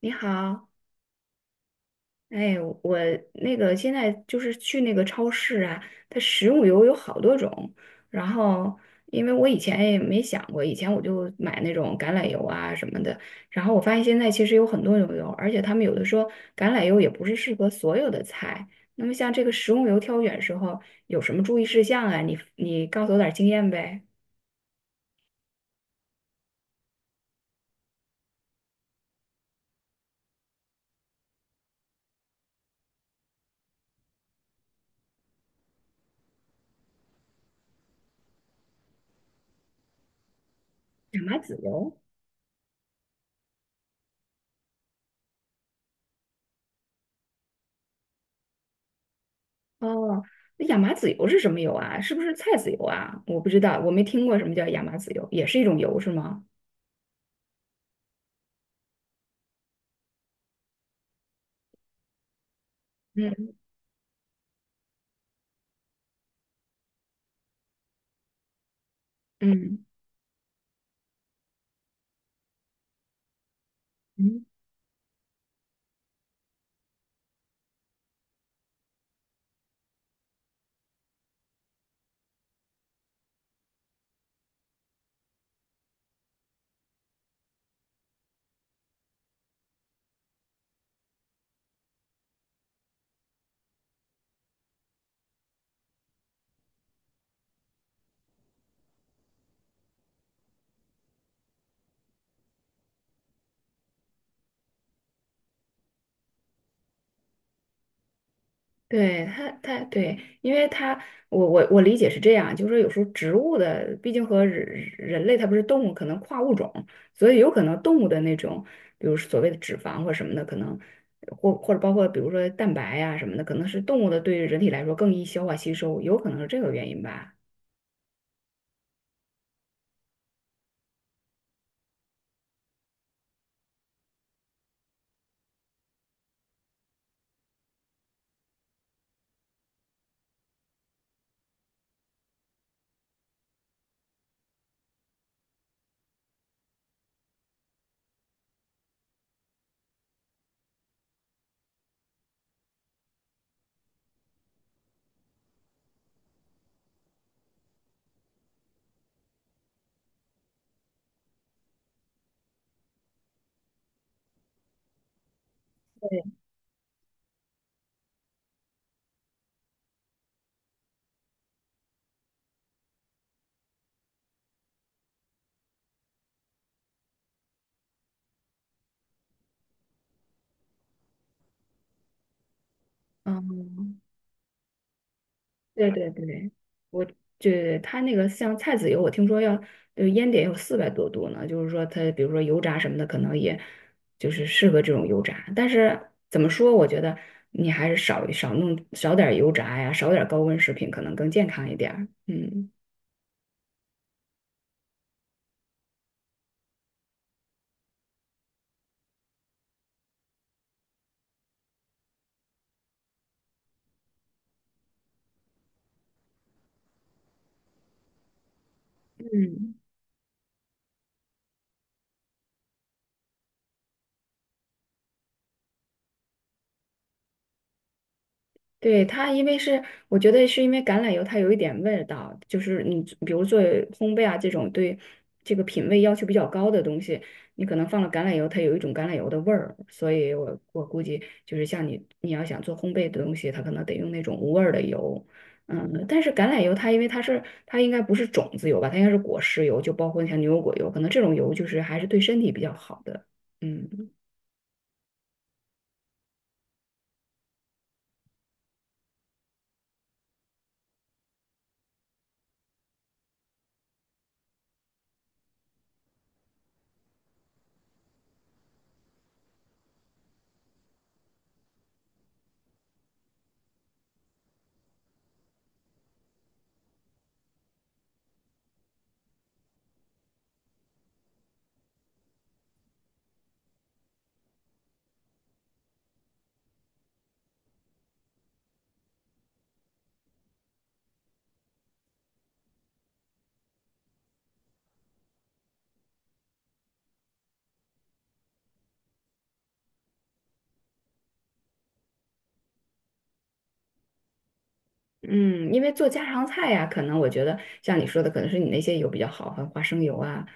你好，哎，我现在就是去那个超市啊，它食用油有好多种。然后，因为我以前也没想过，以前我就买那种橄榄油啊什么的。然后我发现现在其实有很多种油，而且他们有的说橄榄油也不是适合所有的菜。那么像这个食用油挑选时候有什么注意事项啊？你告诉我点儿经验呗。亚麻籽油。哦，那亚麻籽油是什么油啊？是不是菜籽油啊？我不知道，我没听过什么叫亚麻籽油，也是一种油是吗？嗯嗯嗯，对，它对，因为它我理解是这样，就是说有时候植物的，毕竟和人类它不是动物，可能跨物种，所以有可能动物的那种，比如所谓的脂肪或什么的，可能或者包括比如说蛋白呀什么的，可能是动物的对人体来说更易消化吸收，有可能是这个原因吧。对，嗯，对对对，我它那个像菜籽油，我听说要烟点有四百多度呢，就是说它比如说油炸什么的，可能也就是适合这种油炸。但是怎么说，我觉得你还是少点儿油炸呀，少点儿高温食品，可能更健康一点儿。嗯嗯。对，它，因为是我觉得是因为橄榄油它有一点味道，就是你比如做烘焙啊这种对这个品味要求比较高的东西，你可能放了橄榄油，它有一种橄榄油的味儿，所以我估计就是像你要想做烘焙的东西，它可能得用那种无味儿的油，嗯，但是橄榄油它因为它应该不是种子油吧，它应该是果实油，就包括像牛油果油，可能这种油就是还是对身体比较好的，嗯。嗯，因为做家常菜呀、可能我觉得像你说的，可能是你那些油比较好，像花生油啊、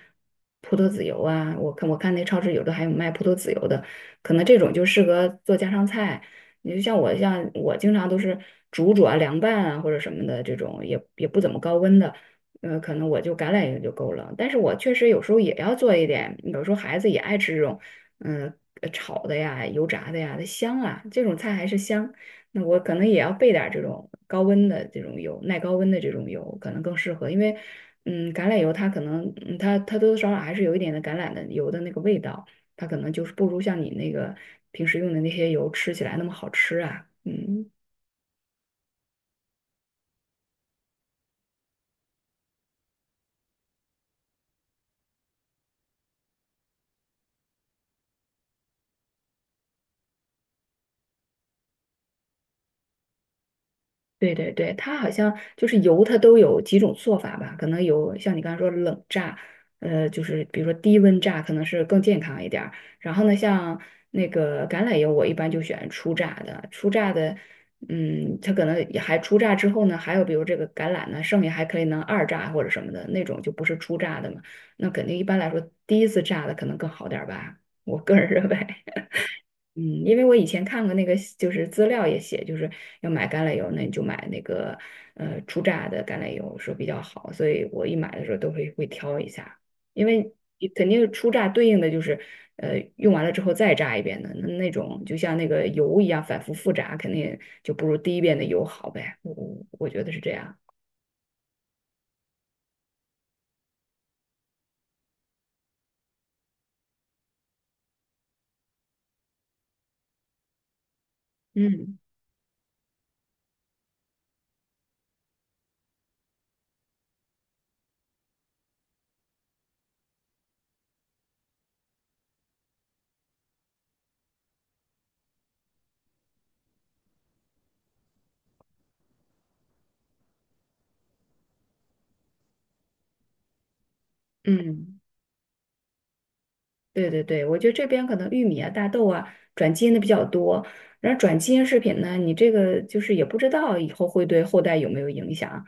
葡萄籽油啊。我看那超市有的还有卖葡萄籽油的，可能这种就适合做家常菜。你就像我，像我经常都是煮啊、凉拌啊或者什么的这种，也不怎么高温的，可能我就橄榄油就够了。但是我确实有时候也要做一点，有时候孩子也爱吃这种，嗯、炒的呀、油炸的呀，它香啊，这种菜还是香。那我可能也要备点儿这种高温的这种油，耐高温的这种油可能更适合，因为嗯，橄榄油它可能嗯它它多多少少还是有一点的橄榄的油的那个味道，它可能就是不如像你那个平时用的那些油吃起来那么好吃啊，嗯。对对对，它好像就是油，它都有几种做法吧？可能有像你刚才说冷榨，就是比如说低温榨，可能是更健康一点儿。然后呢，像那个橄榄油，我一般就选初榨的。初榨的，嗯，它可能也还初榨之后呢，还有比如这个橄榄呢，剩下还可以能二榨或者什么的那种，就不是初榨的嘛。那肯定一般来说，第一次榨的可能更好点儿吧，我个人 认为。嗯，因为我以前看过那个，就是资料也写，就是要买橄榄油，那你就买那个初榨的橄榄油说比较好，所以我一买的时候都会挑一下，因为你肯定初榨对应的就是用完了之后再榨一遍的，那那种就像那个油一样反复复榨，肯定就不如第一遍的油好呗，我觉得是这样。嗯嗯。对对对，我觉得这边可能玉米啊、大豆啊转基因的比较多，然后转基因食品呢，你这个就是也不知道以后会对后代有没有影响。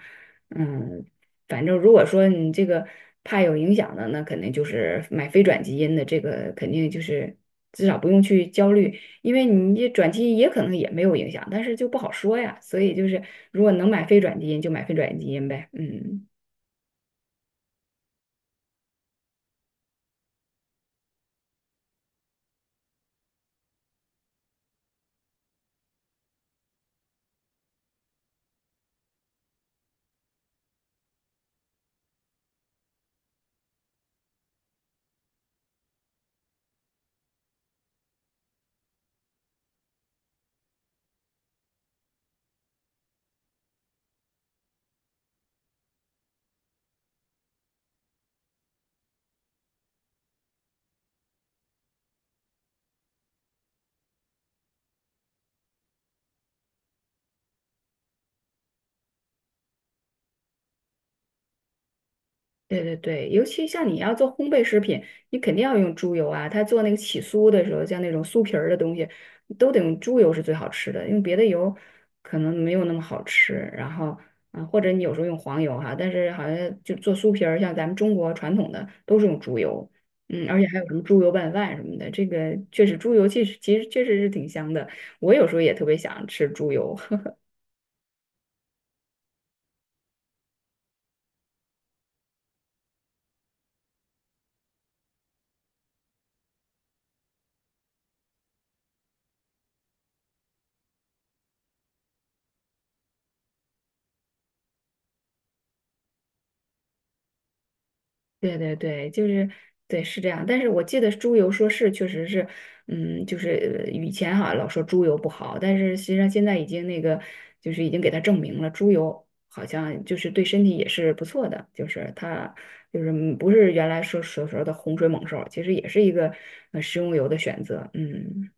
嗯，反正如果说你这个怕有影响的，那肯定就是买非转基因的，这个肯定就是至少不用去焦虑，因为你这转基因也可能也没有影响，但是就不好说呀。所以就是如果能买非转基因就买非转基因呗，嗯。对对对，尤其像你要做烘焙食品，你肯定要用猪油啊。他做那个起酥的时候，像那种酥皮儿的东西，都得用猪油是最好吃的，用别的油可能没有那么好吃。然后啊，或者你有时候用黄油哈，但是好像就做酥皮儿，像咱们中国传统的都是用猪油，嗯，而且还有什么猪油拌饭什么的，这个确实猪油其实确实是挺香的。我有时候也特别想吃猪油。对对对，就是对是这样，但是我记得猪油说是确实是，嗯，就是以前哈老说猪油不好，但是实际上现在已经那个就是已经给它证明了，猪油好像就是对身体也是不错的，就是它就是嗯不是原来说所说的洪水猛兽，其实也是一个食用油的选择，嗯。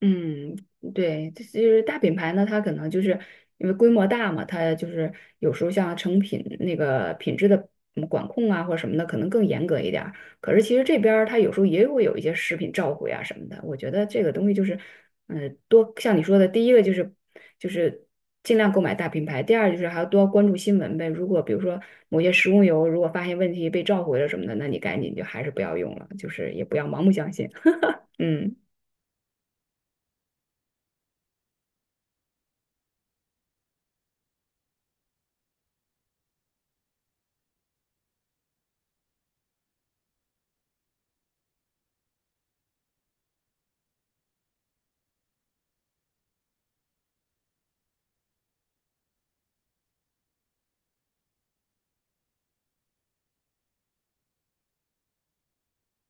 嗯，对，这就是大品牌呢，它可能就是因为规模大嘛，它就是有时候像成品那个品质的嗯管控啊或者什么的，可能更严格一点儿。可是其实这边儿它有时候也会有一些食品召回啊什么的。我觉得这个东西就是，嗯、多像你说的，第一个就是尽量购买大品牌，第二就是还要多关注新闻呗。如果比如说某些食用油如果发现问题被召回了什么的，那你赶紧就还是不要用了，就是也不要盲目相信。嗯。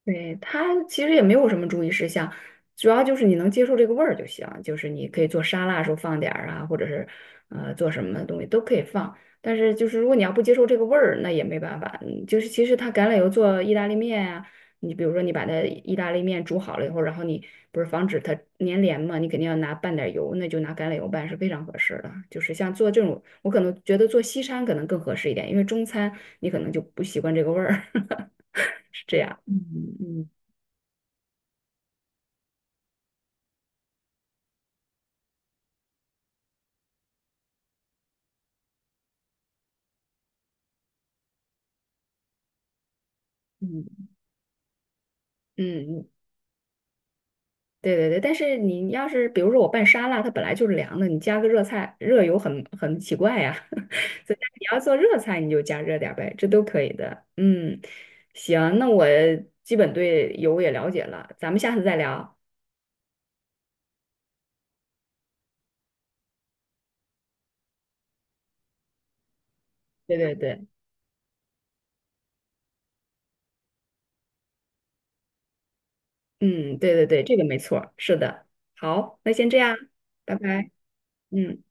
对，它其实也没有什么注意事项，主要就是你能接受这个味儿就行。就是你可以做沙拉的时候放点儿啊，或者是做什么东西都可以放。但是就是如果你要不接受这个味儿，那也没办法。嗯就是其实它橄榄油做意大利面啊，你比如说你把它意大利面煮好了以后，然后你不是防止它粘连嘛，你肯定要拿拌点儿油，那就拿橄榄油拌是非常合适的。就是像做这种，我可能觉得做西餐可能更合适一点，因为中餐你可能就不习惯这个味儿，是这样。嗯嗯，嗯嗯，对对对，但是你要是比如说我拌沙拉，它本来就是凉的，你加个热菜，热油很奇怪呀。所以你要做热菜，你就加热点儿呗，这都可以的。嗯，行，那我基本对油也了解了，咱们下次再聊。对对对，嗯，对对对，这个没错儿，是的。好，那先这样，拜拜。嗯。